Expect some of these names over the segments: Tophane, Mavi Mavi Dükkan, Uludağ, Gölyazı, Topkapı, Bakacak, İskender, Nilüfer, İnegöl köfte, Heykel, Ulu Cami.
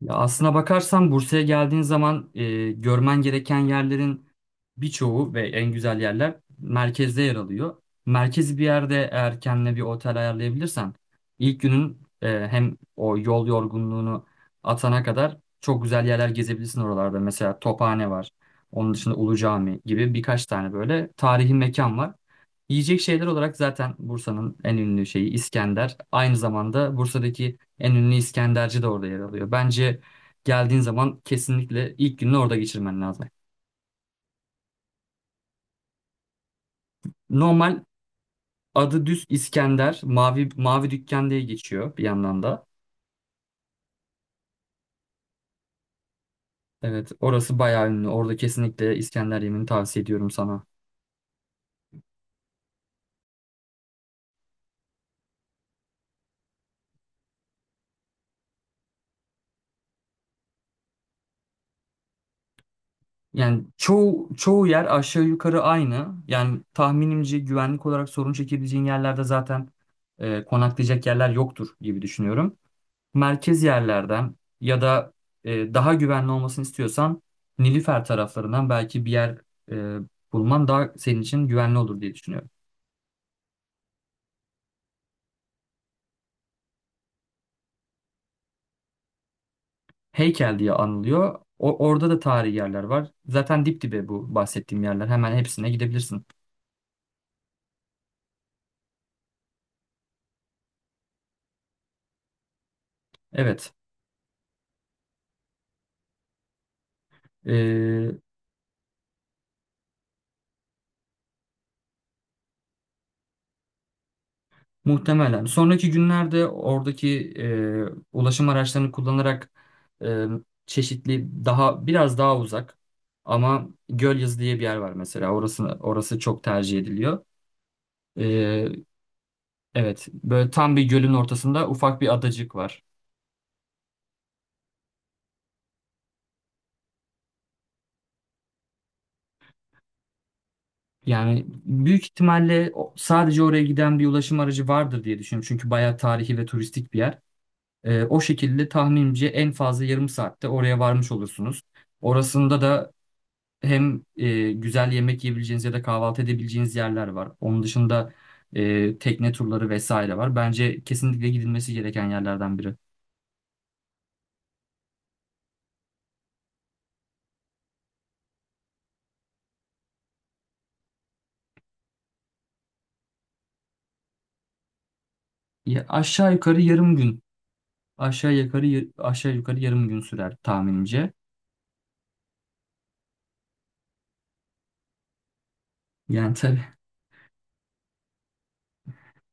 Ya aslına bakarsan Bursa'ya geldiğin zaman görmen gereken yerlerin birçoğu ve en güzel yerler merkezde yer alıyor. Merkezi bir yerde eğer kendine bir otel ayarlayabilirsen ilk günün hem o yol yorgunluğunu atana kadar çok güzel yerler gezebilirsin oralarda. Mesela Tophane var. Onun dışında Ulu Cami gibi birkaç tane böyle tarihi mekan var. Yiyecek şeyler olarak zaten Bursa'nın en ünlü şeyi İskender. Aynı zamanda Bursa'daki en ünlü İskenderci de orada yer alıyor. Bence geldiğin zaman kesinlikle ilk gününü orada geçirmen lazım. Normal adı düz İskender, Mavi Mavi Dükkan diye geçiyor bir yandan da. Evet, orası bayağı ünlü. Orada kesinlikle İskender yemini tavsiye ediyorum sana. Yani çoğu yer aşağı yukarı aynı. Yani tahminimce güvenlik olarak sorun çekebileceğin yerlerde zaten konaklayacak yerler yoktur gibi düşünüyorum. Merkez yerlerden ya da daha güvenli olmasını istiyorsan Nilüfer taraflarından belki bir yer e, bulman daha senin için güvenli olur diye düşünüyorum. Heykel diye anılıyor. Orada da tarihi yerler var. Zaten dip dibe bu bahsettiğim yerler. Hemen hepsine gidebilirsin. Evet. e, Muhtemelen. Sonraki günlerde oradaki ulaşım araçlarını kullanarak e, çeşitli daha biraz daha uzak ama Gölyazı diye bir yer var mesela. Orası çok tercih ediliyor. E, evet, böyle tam bir gölün ortasında ufak bir adacık var. Yani büyük ihtimalle sadece oraya giden bir ulaşım aracı vardır diye düşünüyorum. Çünkü bayağı tarihi ve turistik bir yer. O şekilde tahminimce en fazla yarım saatte oraya varmış olursunuz. Orasında da hem güzel yemek yiyebileceğiniz ya da kahvaltı edebileceğiniz yerler var. Onun dışında tekne turları vesaire var. Bence kesinlikle gidilmesi gereken yerlerden biri. Ya aşağı yukarı yarım gün. Aşağı yukarı yarım gün sürer tahminimce. Yani tabii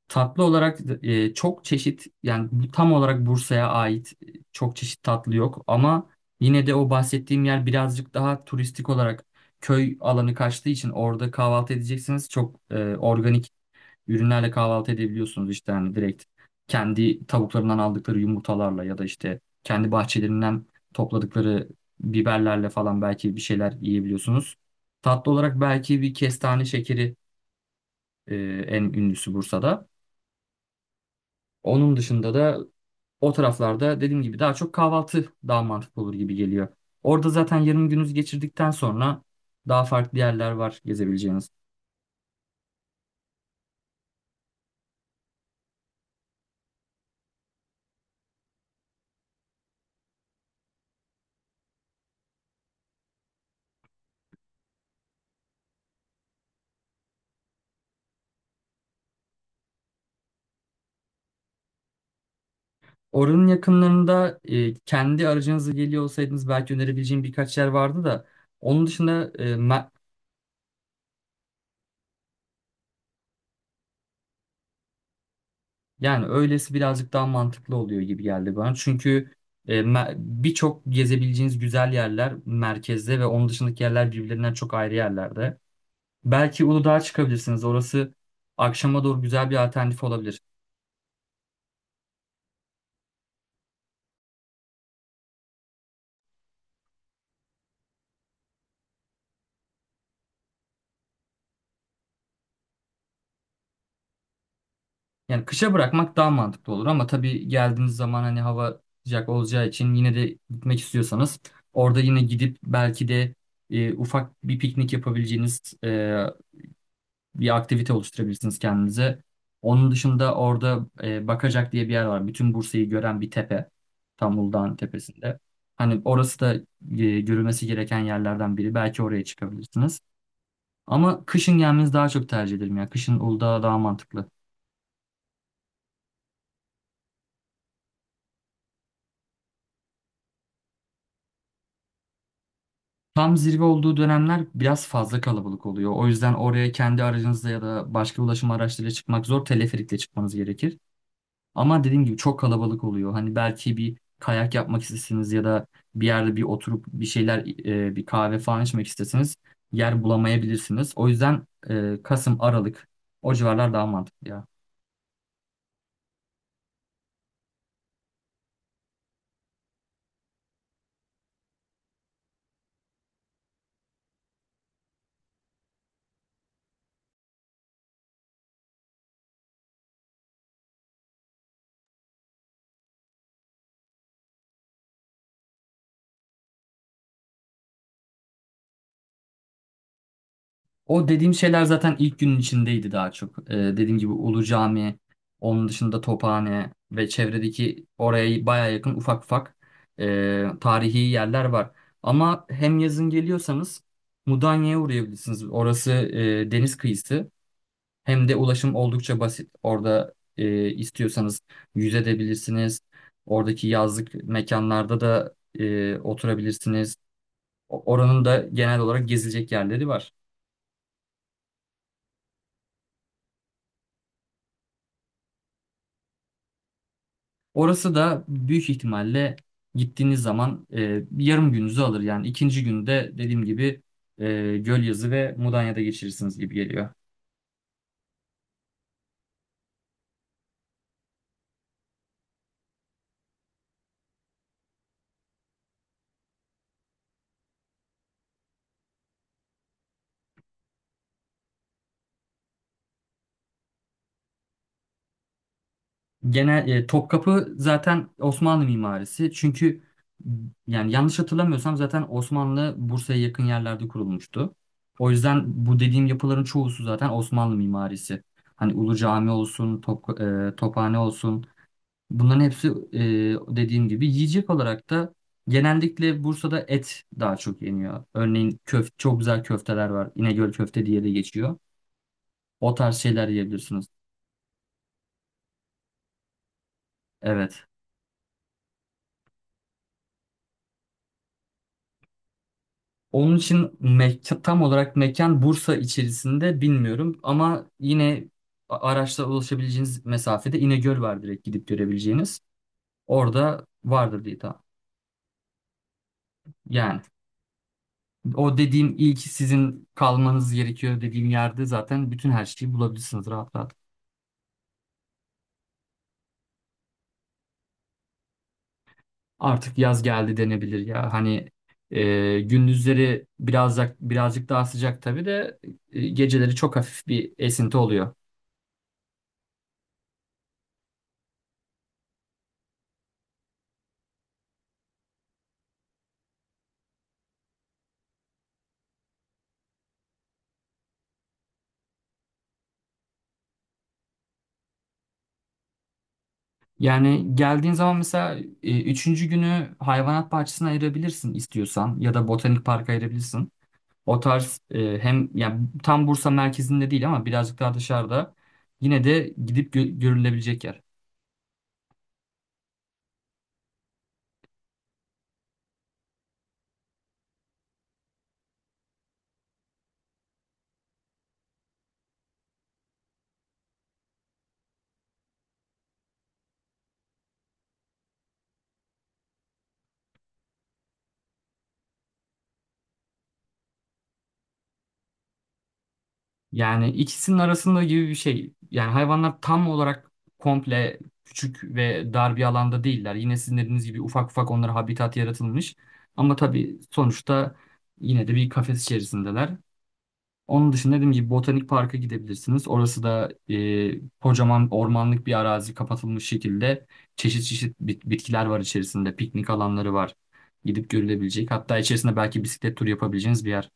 tatlı olarak çok çeşit yani bu tam olarak Bursa'ya ait çok çeşit tatlı yok ama yine de o bahsettiğim yer birazcık daha turistik olarak köy alanı kaçtığı için orada kahvaltı edeceksiniz. Çok organik ürünlerle kahvaltı edebiliyorsunuz işte hani direkt kendi tavuklarından aldıkları yumurtalarla ya da işte kendi bahçelerinden topladıkları biberlerle falan belki bir şeyler yiyebiliyorsunuz. Tatlı olarak belki bir kestane şekeri, e, en ünlüsü Bursa'da. Onun dışında da o taraflarda dediğim gibi daha çok kahvaltı daha mantıklı olur gibi geliyor. Orada zaten yarım gününüzü geçirdikten sonra daha farklı yerler var gezebileceğiniz. Oranın yakınlarında kendi aracınızla geliyor olsaydınız belki önerebileceğim birkaç yer vardı da onun dışında e, me- yani öylesi birazcık daha mantıklı oluyor gibi geldi bana. Çünkü birçok gezebileceğiniz güzel yerler merkezde ve onun dışındaki yerler birbirlerinden çok ayrı yerlerde. Belki Uludağ'a çıkabilirsiniz. Orası akşama doğru güzel bir alternatif olabilir. Yani kışa bırakmak daha mantıklı olur ama tabii geldiğiniz zaman hani hava sıcak olacağı için yine de gitmek istiyorsanız orada yine gidip belki de ufak bir piknik yapabileceğiniz bir aktivite oluşturabilirsiniz kendinize. Onun dışında orada Bakacak diye bir yer var. Bütün Bursa'yı gören bir tepe. Tam Uludağ'ın tepesinde. Hani orası da görülmesi gereken yerlerden biri. Belki oraya çıkabilirsiniz. Ama kışın gelmenizi daha çok tercih ederim. Yani kışın Uludağ daha mantıklı. Tam zirve olduğu dönemler biraz fazla kalabalık oluyor. O yüzden oraya kendi aracınızla ya da başka ulaşım araçlarıyla çıkmak zor. Teleferikle çıkmanız gerekir. Ama dediğim gibi çok kalabalık oluyor. Hani belki bir kayak yapmak istesiniz ya da bir yerde bir oturup bir şeyler, bir kahve falan içmek istesiniz. Yer bulamayabilirsiniz. O yüzden Kasım, Aralık o civarlar daha mantıklı ya. O dediğim şeyler zaten ilk günün içindeydi daha çok. Dediğim gibi Ulu Cami, onun dışında Tophane ve çevredeki oraya baya yakın ufak ufak tarihi yerler var. Ama hem yazın geliyorsanız Mudanya'ya uğrayabilirsiniz. Orası deniz kıyısı. Hem de ulaşım oldukça basit. Orada istiyorsanız yüzebilirsiniz. Oradaki yazlık mekanlarda da oturabilirsiniz. Oranın da genel olarak gezilecek yerleri var. Orası da büyük ihtimalle gittiğiniz zaman yarım gününüzü alır. Yani ikinci günde dediğim gibi Gölyazı ve Mudanya'da geçirirsiniz gibi geliyor. Genel Topkapı zaten Osmanlı mimarisi. Çünkü yani yanlış hatırlamıyorsam zaten Osmanlı Bursa'ya yakın yerlerde kurulmuştu. O yüzden bu dediğim yapıların çoğusu zaten Osmanlı mimarisi. Hani Ulu Cami olsun, Tophane olsun. Bunların hepsi dediğim gibi yiyecek olarak da genellikle Bursa'da et daha çok yeniyor. Örneğin çok güzel köfteler var. İnegöl köfte diye de geçiyor. O tarz şeyler yiyebilirsiniz. Evet. Onun için mekan, tam olarak mekan Bursa içerisinde bilmiyorum ama yine araçla ulaşabileceğiniz mesafede İnegöl var direkt gidip görebileceğiniz. Orada vardır diye tahmin. Yani o dediğim ilk sizin kalmanız gerekiyor dediğim yerde zaten bütün her şeyi bulabilirsiniz rahat rahat. Artık yaz geldi denebilir ya. Hani gündüzleri birazcık daha sıcak tabii de geceleri çok hafif bir esinti oluyor. Yani geldiğin zaman mesela üçüncü günü hayvanat bahçesine ayırabilirsin istiyorsan ya da botanik parka ayırabilirsin. O tarz hem yani tam Bursa merkezinde değil ama birazcık daha dışarıda yine de gidip görülebilecek yer. Yani ikisinin arasında gibi bir şey. Yani hayvanlar tam olarak komple küçük ve dar bir alanda değiller. Yine sizin dediğiniz gibi ufak ufak onlara habitat yaratılmış. Ama tabii sonuçta yine de bir kafes içerisindeler. Onun dışında dediğim gibi Botanik Park'a gidebilirsiniz. Orası da kocaman ormanlık bir arazi kapatılmış şekilde çeşit çeşit bitkiler var içerisinde. Piknik alanları var. Gidip görülebilecek. Hatta içerisinde belki bisiklet turu yapabileceğiniz bir yer.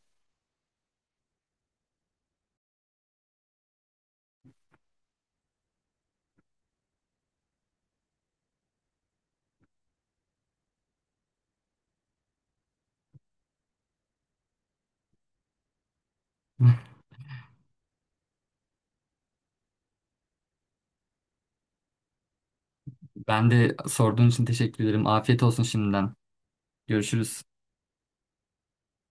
Ben de sorduğun için teşekkür ederim. Afiyet olsun şimdiden. Görüşürüz.